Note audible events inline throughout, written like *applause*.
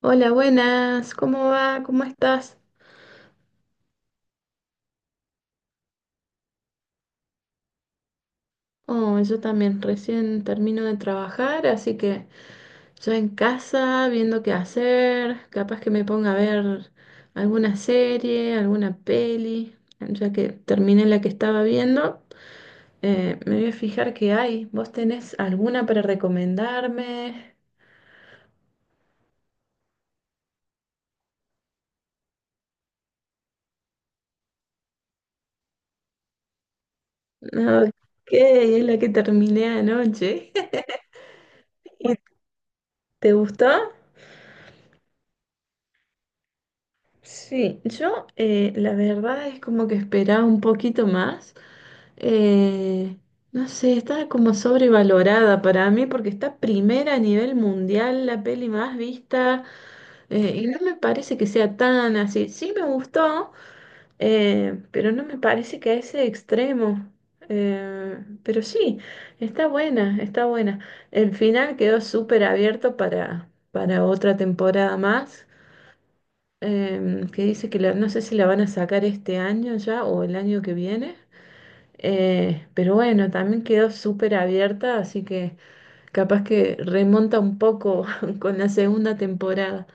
Hola, buenas, ¿cómo va? ¿Cómo estás? Oh, yo también recién termino de trabajar, así que yo en casa viendo qué hacer, capaz que me ponga a ver alguna serie, alguna peli, ya que terminé la que estaba viendo, me voy a fijar qué hay. ¿Vos tenés alguna para recomendarme? Ok, es la que terminé anoche. *laughs* ¿Y te gustó? Sí, yo la verdad es como que esperaba un poquito más. eh, no sé, está como sobrevalorada para mí porque está primera a nivel mundial, la peli más vista, y no me parece que sea tan así. Sí me gustó, pero no me parece que a ese extremo. Eh, pero sí, está buena, está buena. El final quedó súper abierto para, otra temporada más que dice que no sé si la van a sacar este año ya o el año que viene, pero bueno, también quedó súper abierta, así que capaz que remonta un poco *laughs* con la segunda temporada.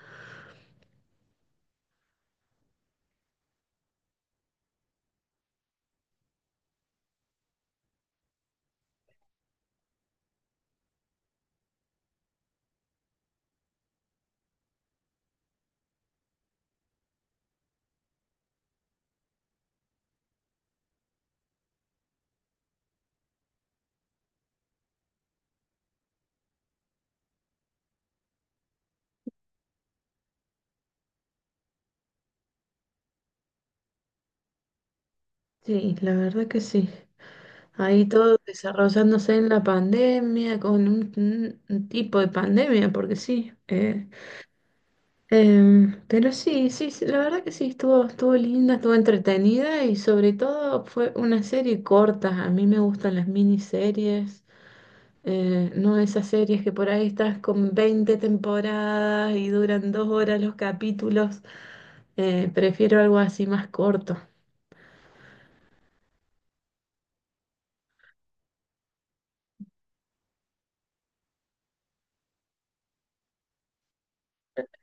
Sí, la verdad que sí. Ahí todo desarrollándose en la pandemia, con un tipo de pandemia, porque sí, pero sí, sí, sí, la verdad que sí, estuvo, estuvo linda, estuvo entretenida y sobre todo fue una serie corta. A mí me gustan las miniseries, no esas series que por ahí estás con 20 temporadas y duran 2 horas los capítulos. Prefiero algo así más corto.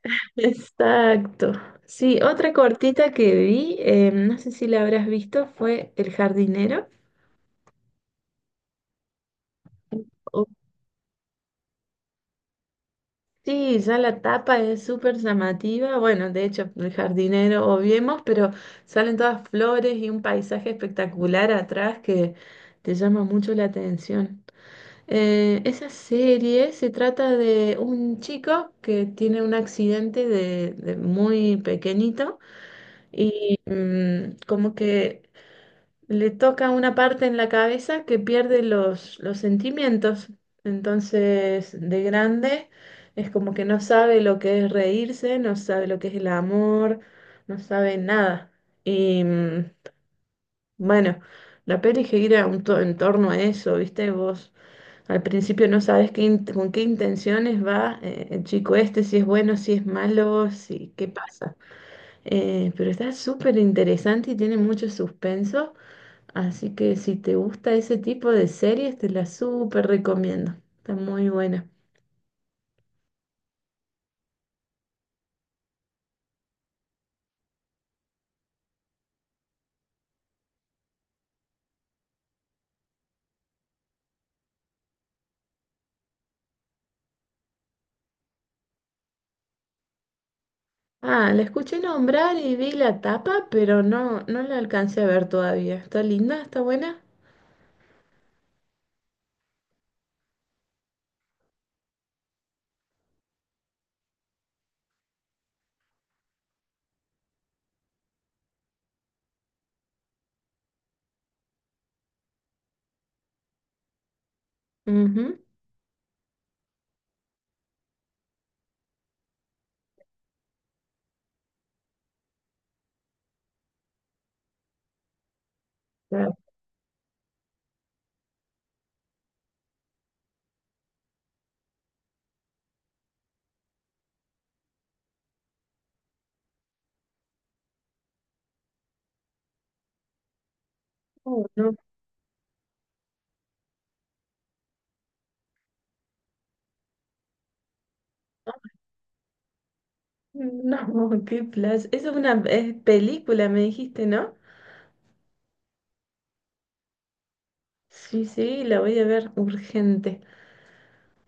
*laughs* Exacto. Sí, otra cortita que vi, no sé si la habrás visto, fue El jardinero. Sí, ya la tapa es súper llamativa. Bueno, de hecho, el jardinero obviemos, pero salen todas flores y un paisaje espectacular atrás que te llama mucho la atención. Esa serie se trata de un chico que tiene un accidente de muy pequeñito y como que le toca una parte en la cabeza que pierde los sentimientos. Entonces, de grande, es como que no sabe lo que es reírse, no sabe lo que es el amor, no sabe nada. Y bueno, la peli gira un en torno a eso, ¿viste? Vos al principio no sabes qué con qué intenciones va el chico este, si es bueno, si es malo, si qué pasa. Pero está súper interesante y tiene mucho suspenso. Así que si te gusta ese tipo de series, te la súper recomiendo. Está muy buena. Ah, la escuché nombrar y vi la tapa, pero no, no la alcancé a ver todavía. ¿Está linda? ¿Está buena? Ujú. La- oh, no, no, *laughs* qué plaza. Es una es película, me dijiste, ¿no? Sí, sí, la voy a ver urgente.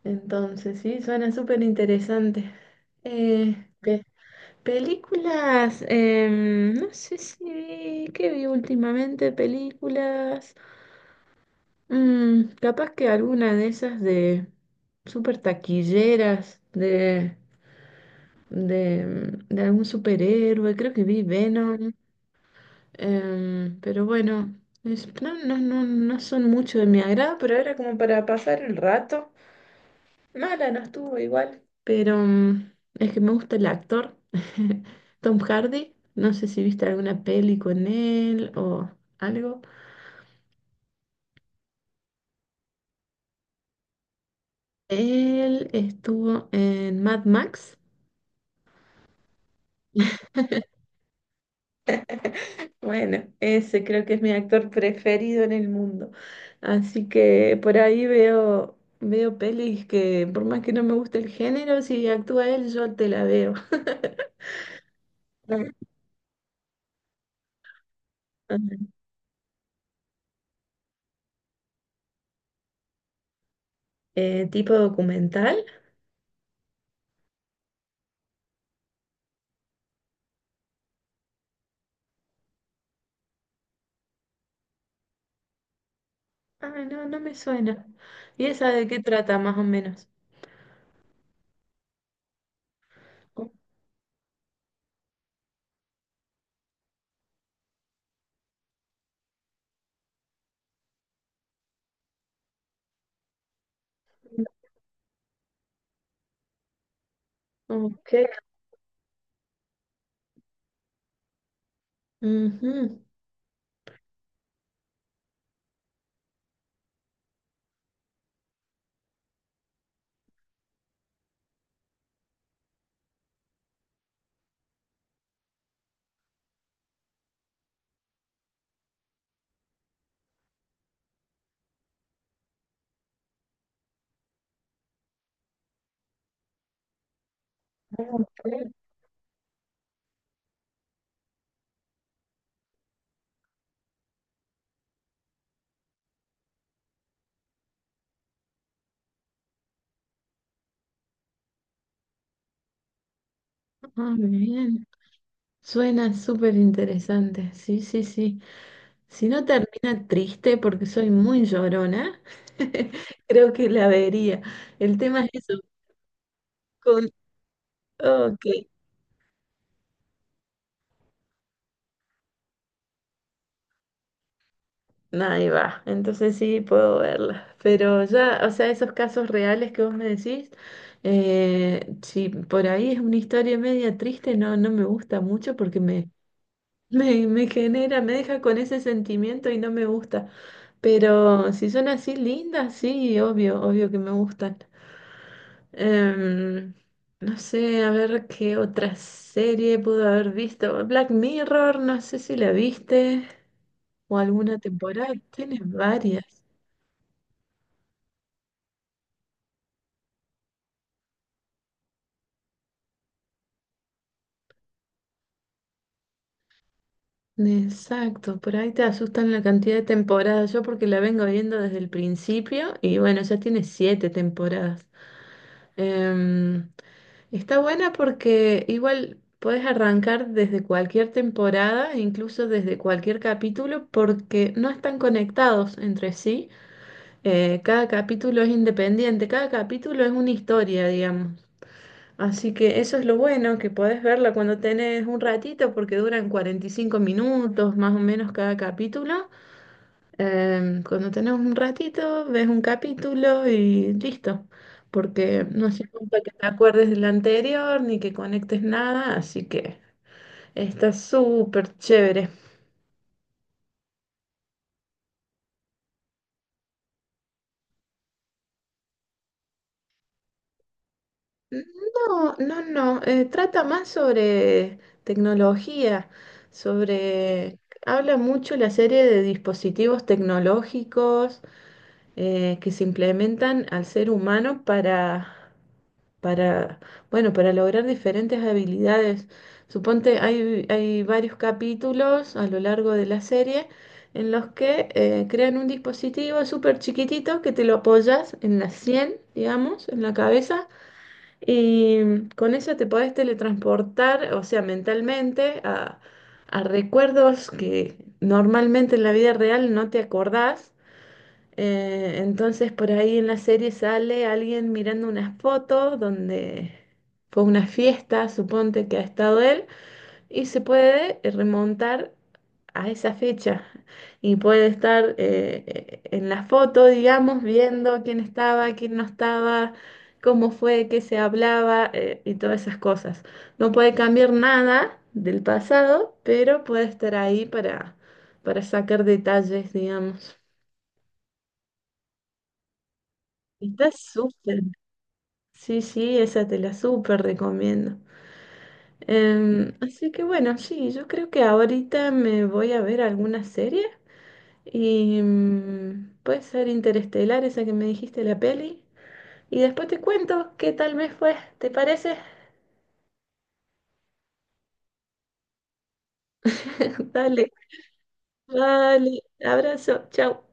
Entonces, sí, suena súper interesante. Eh, Películas, no sé si qué vi últimamente, películas, Capaz que alguna de esas de super taquilleras, de, de, de algún superhéroe, creo que vi Venom, pero bueno, no, no, no, no son mucho de mi agrado, pero era como para pasar el rato. Mala no estuvo igual, pero es que me gusta el actor, *laughs* Tom Hardy. No sé si viste alguna peli con él o algo. Él estuvo en Mad Max. Bueno, ese creo que es mi actor preferido en el mundo. Así que por ahí veo, pelis que por más que no me guste el género, si actúa él, yo te la veo. *laughs* Ah. Tipo documental. Ah, no, no me suena. ¿Y esa de qué trata más o menos? Ok. Ujú. Ah, bien. Suena súper interesante. Sí, sí, sí. Si no termina triste, porque soy muy llorona, *laughs* creo que la vería. El tema es eso. Con... Ok, ahí va. Entonces sí puedo verla. Pero ya, o sea, esos casos reales que vos me decís, si por ahí es una historia media triste, no, no me gusta mucho porque me genera, me deja con ese sentimiento y no me gusta. Pero si son así lindas, sí, obvio, obvio que me gustan. Em, no sé, a ver qué otra serie pudo haber visto. Black Mirror, no sé si la viste o alguna temporada. Tienes varias. Exacto, por ahí te asustan la cantidad de temporadas. Yo porque la vengo viendo desde el principio y bueno, ya tiene 7 temporadas. Em, está buena porque igual puedes arrancar desde cualquier temporada, e incluso desde cualquier capítulo, porque no están conectados entre sí. Cada capítulo es independiente, cada capítulo es una historia, digamos. Así que eso es lo bueno, que podés verla cuando tenés un ratito, porque duran 45 minutos más o menos cada capítulo. Cuando tenés un ratito, ves un capítulo y listo, porque no hace falta que te acuerdes del anterior ni que conectes nada, así que está súper chévere. No, no, no, trata más sobre tecnología, sobre... Habla mucho la serie de dispositivos tecnológicos que se implementan al ser humano para, bueno, para lograr diferentes habilidades. Suponte, hay varios capítulos a lo largo de la serie en los que crean un dispositivo súper chiquitito que te lo apoyas en la sien, digamos, en la cabeza, y con eso te podés teletransportar, o sea, mentalmente a recuerdos que normalmente en la vida real no te acordás. Entonces por ahí en la serie sale alguien mirando unas fotos donde fue una fiesta, suponte que ha estado él, y se puede remontar a esa fecha y puede estar en la foto, digamos, viendo quién estaba, quién no estaba, cómo fue, qué se hablaba y todas esas cosas. No puede cambiar nada del pasado, pero puede estar ahí para, sacar detalles, digamos. Está súper. Sí, sí, esa te la súper recomiendo. Así que bueno, sí, yo creo que ahorita me voy a ver alguna serie y puede ser Interestelar, esa que me dijiste la peli, y después te cuento qué tal me fue, ¿te parece? *laughs* Dale, vale, abrazo, chao.